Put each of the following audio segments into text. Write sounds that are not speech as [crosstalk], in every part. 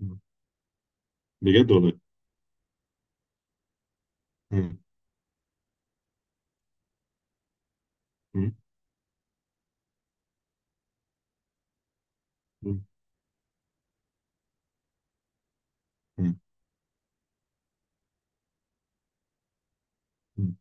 مم. بجد والله. مم. مم. مم. مم. مم.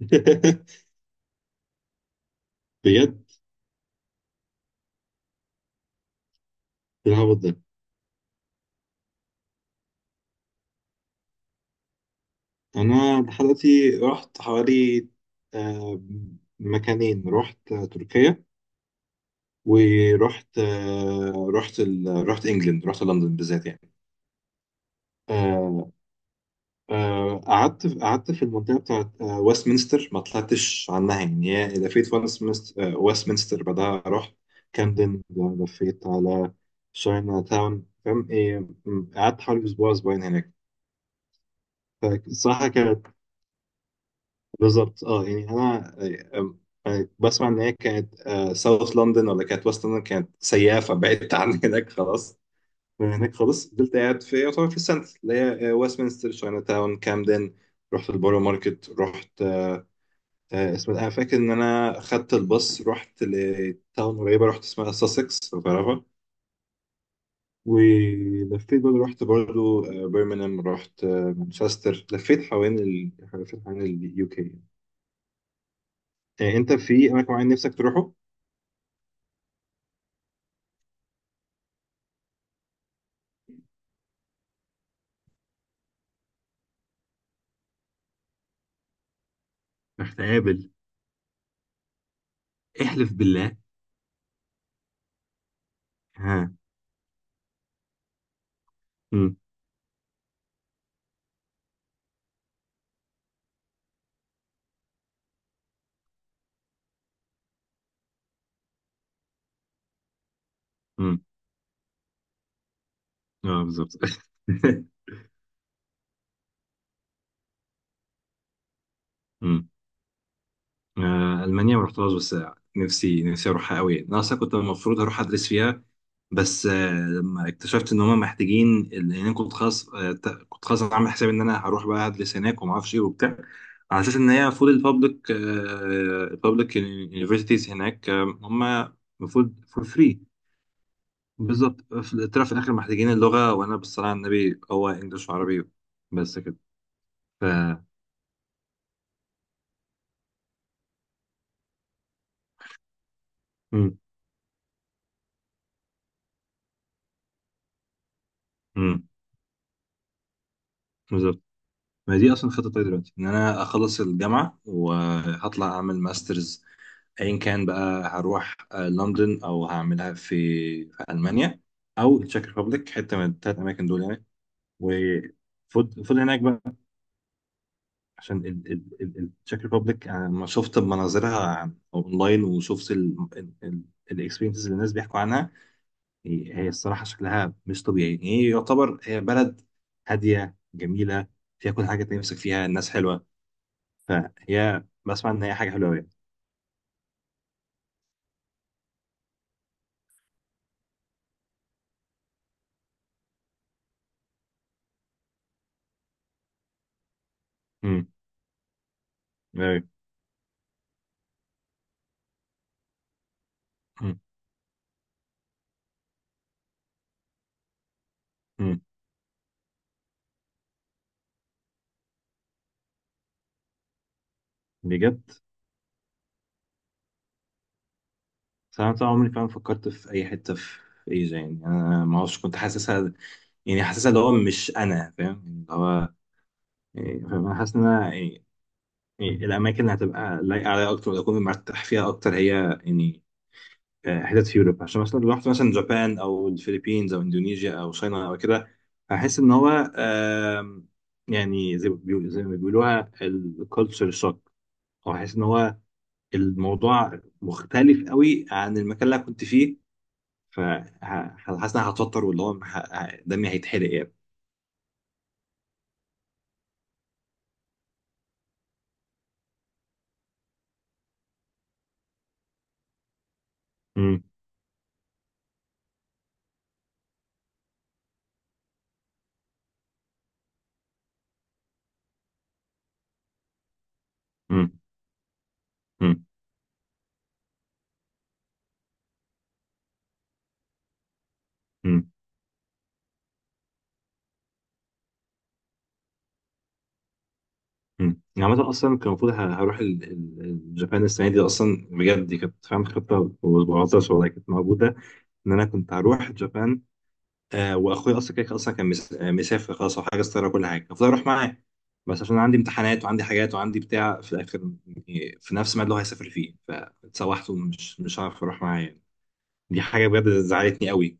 [laughs] بجد. العبط ده. انا لحد دلوقتي رحت حوالي آه، مكانين. رحت تركيا، ورحت آه، رحت ال... رحت انجلند، رحت لندن بالذات يعني. آه، قعدت في المنطقة بتاعت ويستمنستر، ما طلعتش عنها يعني، هي لفيت ويستمنستر. ويستمنستر بعدها رحت كامدن، لفيت على شاينا تاون، فاهم إيه. قعدت حوالي أسبوع أسبوعين هناك. فالصراحة كانت بالظبط، يعني أنا آه، بسمع إن هي كانت ساوث لندن ولا كانت ويست لندن، كانت سيئة، فبعدت [laughs] عن هناك خلاص. من هناك خلاص فضلت قاعد يعتبر في السنتر اللي هي ويستمنستر، شاينا تاون، كامدن. رحت البورو ماركت، رحت اسمها، انا فاكر ان انا خدت الباص رحت لتاون قريبه، رحت اسمها ساسكس، لو تعرفها. ولفيت برضه، رحت برضه برمنهام، رحت مانشستر. لفيت حوالين اليو كي. انت في اماكن معين نفسك تروحه؟ رحت اقابل. احلف بالله. ها. امم. امم. اه بالظبط. [laughs] امم. المانيا ما رحتهاش، بس نفسي نفسي اروحها قوي يعني. انا اصلا كنت المفروض هروح ادرس فيها، بس لما اكتشفت ان هم محتاجين، لان انا كنت خلاص كنت خلاص عامل حسابي ان انا هروح بقى ادرس هناك وما اعرفش ايه وبتاع، على اساس ان هي فول البابليك يونيفرسيتيز هناك هم المفروض فور فري. بالظبط، طلع في الاخر محتاجين اللغه، وانا بالصلاه على النبي هو انجلش وعربي، بس كده ف. مم. مم. بالظبط. ما هي دي اصلا الخطه بتاعتي دلوقتي، ان انا اخلص الجامعه وهطلع اعمل ماسترز، ايا كان بقى. هروح لندن او هعملها في المانيا او التشيك ريبابليك، حته من الثلاث اماكن دول يعني. وفضل فضل هناك بقى. عشان التشيك ريبابليك، انا لما شفت مناظرها اونلاين وشفت الاكسبيرينسز اللي الناس بيحكوا عنها، هي الصراحه شكلها مش طبيعي. يعتبر هي بلد هاديه جميله، فيها كل حاجه انت نفسك فيها، الناس حلوه. فهي بسمع ان هي حاجه حلوه قوي. امم. أيوة. أمم. أمم. بجد. بس انا طبعا عمري فعلا فكرت في اي حته في ايجا يعني. انا ما اعرفش، كنت حاسسها يعني، حاسسها اللي هو، مش انا فاهم يعني اللي هو، يعني فاهم. انا حاسس ان انا يعني، يعني الاماكن اللي هتبقى لايقه عليا اكتر واكون مرتاح فيها اكتر هي يعني حتت في اوروبا. عشان مثلا لو رحت مثلا جابان او الفلبينز او اندونيسيا او صينيا او كده، هحس ان هو يعني زي ما بيقولوها الكالتشر شوك. او هحس ان هو الموضوع مختلف قوي عن المكان اللي أنا كنت فيه. فحاسس ان انا هتوتر، واللي هو دمي هيتحرق يعني. مم. مم. مم. مم. مم. يعني عامة أصلا كان المفروض هروح اليابان السنة دي أصلا، بجد دي كانت فاهم خطة، وبعطش والله كانت موجودة إن أنا كنت هروح اليابان. آه، وأخويا أصلا كده كده أصلا كان مسافر خلاص، وحاجز طيارة، وكل حاجة المفروض أروح معاه. بس عشان عندي امتحانات وعندي حاجات وعندي بتاع في الآخر يعني، في نفس الميعاد اللي هو هيسافر فيه، فاتسوحت، ومش مش هعرف أروح معاه يعني. دي حاجة بجد زعلتني قوي.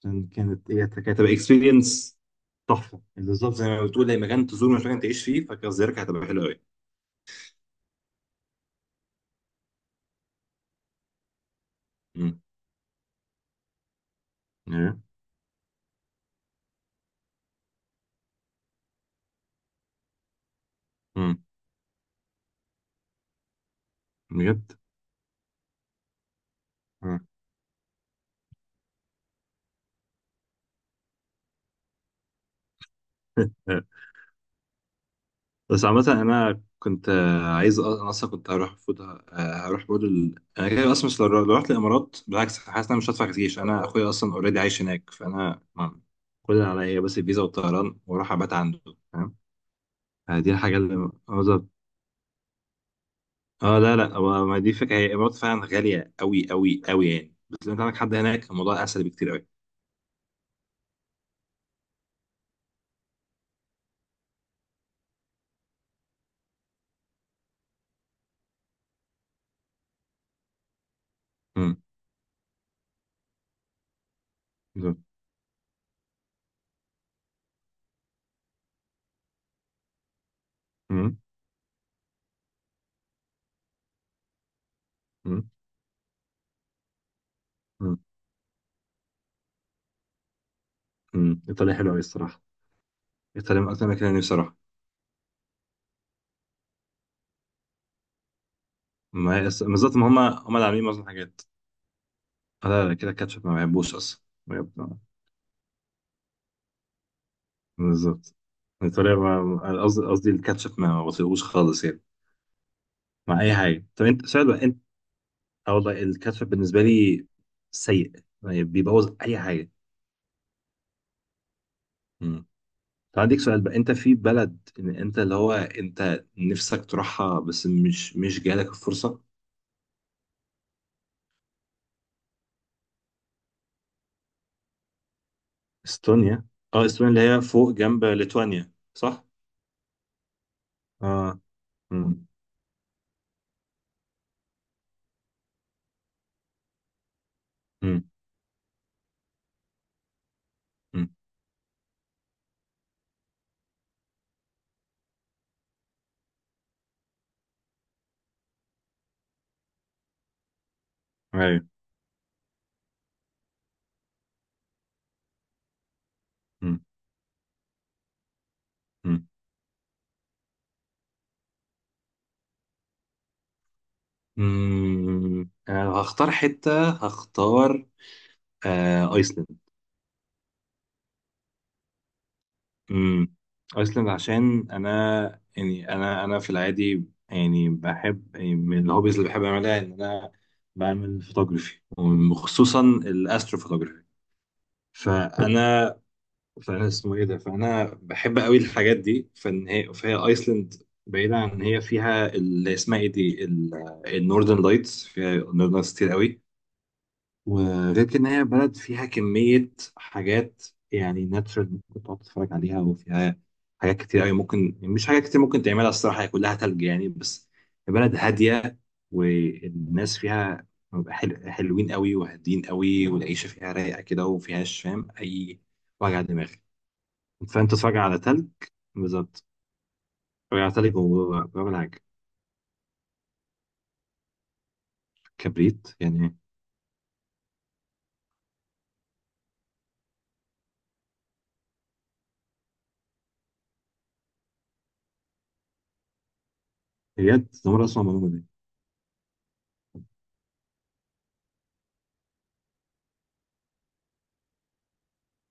عشان هي كانت هتبقى اكسبيرينس تحفه. بالظبط زي ما بتقول، اي مكان تزوره مش مكان تعيش فيه، فكزيارتك هتبقى حلوه قوي. امم. إيه؟ امم. بجد. آه. [laughs] بس عامة أنا كنت عايز أنا أصلا كنت هروح فوت هروح برضه أنا كده أصلا مش. لو رحت الإمارات بالعكس، حاسس إن أنا مش هدفع كتير. أنا أخويا أصلا أوريدي عايش هناك، فأنا كل اللي عليا بس الفيزا والطيران، وأروح أبات عنده، فاهم. دي الحاجة اللي. اه، لا لا، ما دي فكره، هي الامارات فعلا غاليه قوي قوي قوي يعني، بس لو انت عندك حد هناك الموضوع اسهل بكتير قوي. امم. بالظبط. امم. امم. امم. امم. ايطاليا حلوه قوي الصراحه. ايطاليا من اكتر مكان نفسي اروح. ما هي بالظبط، ما هم اللي عاملين معظم الحاجات. آه، لا لا، كده الكاتشب ما بحبوش اصلا. بجد. بالظبط. ايطاليا قصدي، قصدي الكاتشب ما بطيقوش خالص يعني مع اي حاجه. طب انت سؤال بقى انت. اه والله الكاتشب بالنسبه لي سيء يعني، بيبوظ اي حاجه. فعندك سؤال بقى، انت في بلد ان انت اللي هو انت نفسك تروحها بس مش جالك الفرصة. استونيا. اه، استونيا اللي هي فوق جنب ليتوانيا صح. اه. امم. امم. امم. ايوه. امم. امم. امم. هختار حتة، هختار ايسلند. امم. ايسلند عشان انا يعني انا في العادي يعني بحب، يعني من الهوبيز اللي بحب اعملها ان انا بعمل فوتوغرافي، وخصوصا الاسترو. فانا فانا اسمه ايه ده، فانا بحب قوي الحاجات دي، فان هي فهي ايسلند. بعيدا عن ان هي فيها اللي اسمها ايه دي، النوردن لايتس، فيها نوردن لايتس كتير قوي. وغير كده، ان هي بلد فيها كمية حاجات يعني ناتشورال، ممكن تقعد تتفرج عليها، وفيها حاجات كتير قوي، ممكن يعني مش حاجات كتير، ممكن تعملها الصراحة، هي كلها تلج يعني، بس بلد هادية، والناس فيها بيبقى حلوين قوي، وهادين قوي، والعيشة فيها رايقة كده، ومفيهاش فاهم أي وجع دماغ. فأنت تتفرج على تلج. بالظبط. تتفرج على تلج وبرغم على. كبريت يعني. بجد ده مرة أسمع المعلومة دي.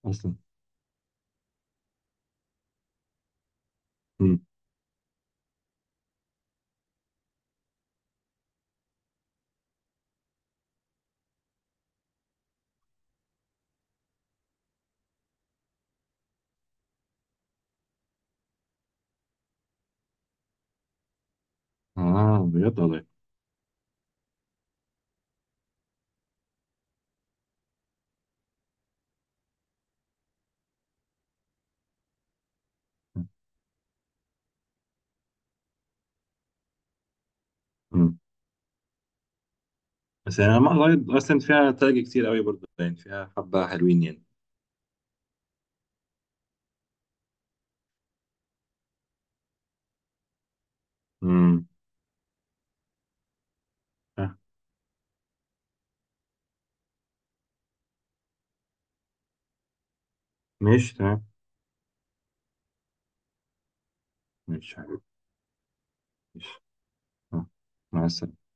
أصلا. مم. آه بجد والله. بس يعني لما لايت اصلا فيها تاج كتير قوي برضه، يعني فيها حبة حلوين يعني. امم. آه، ماشي تمام. ماشي حبيبي. ماشي. آه، مع السلامة.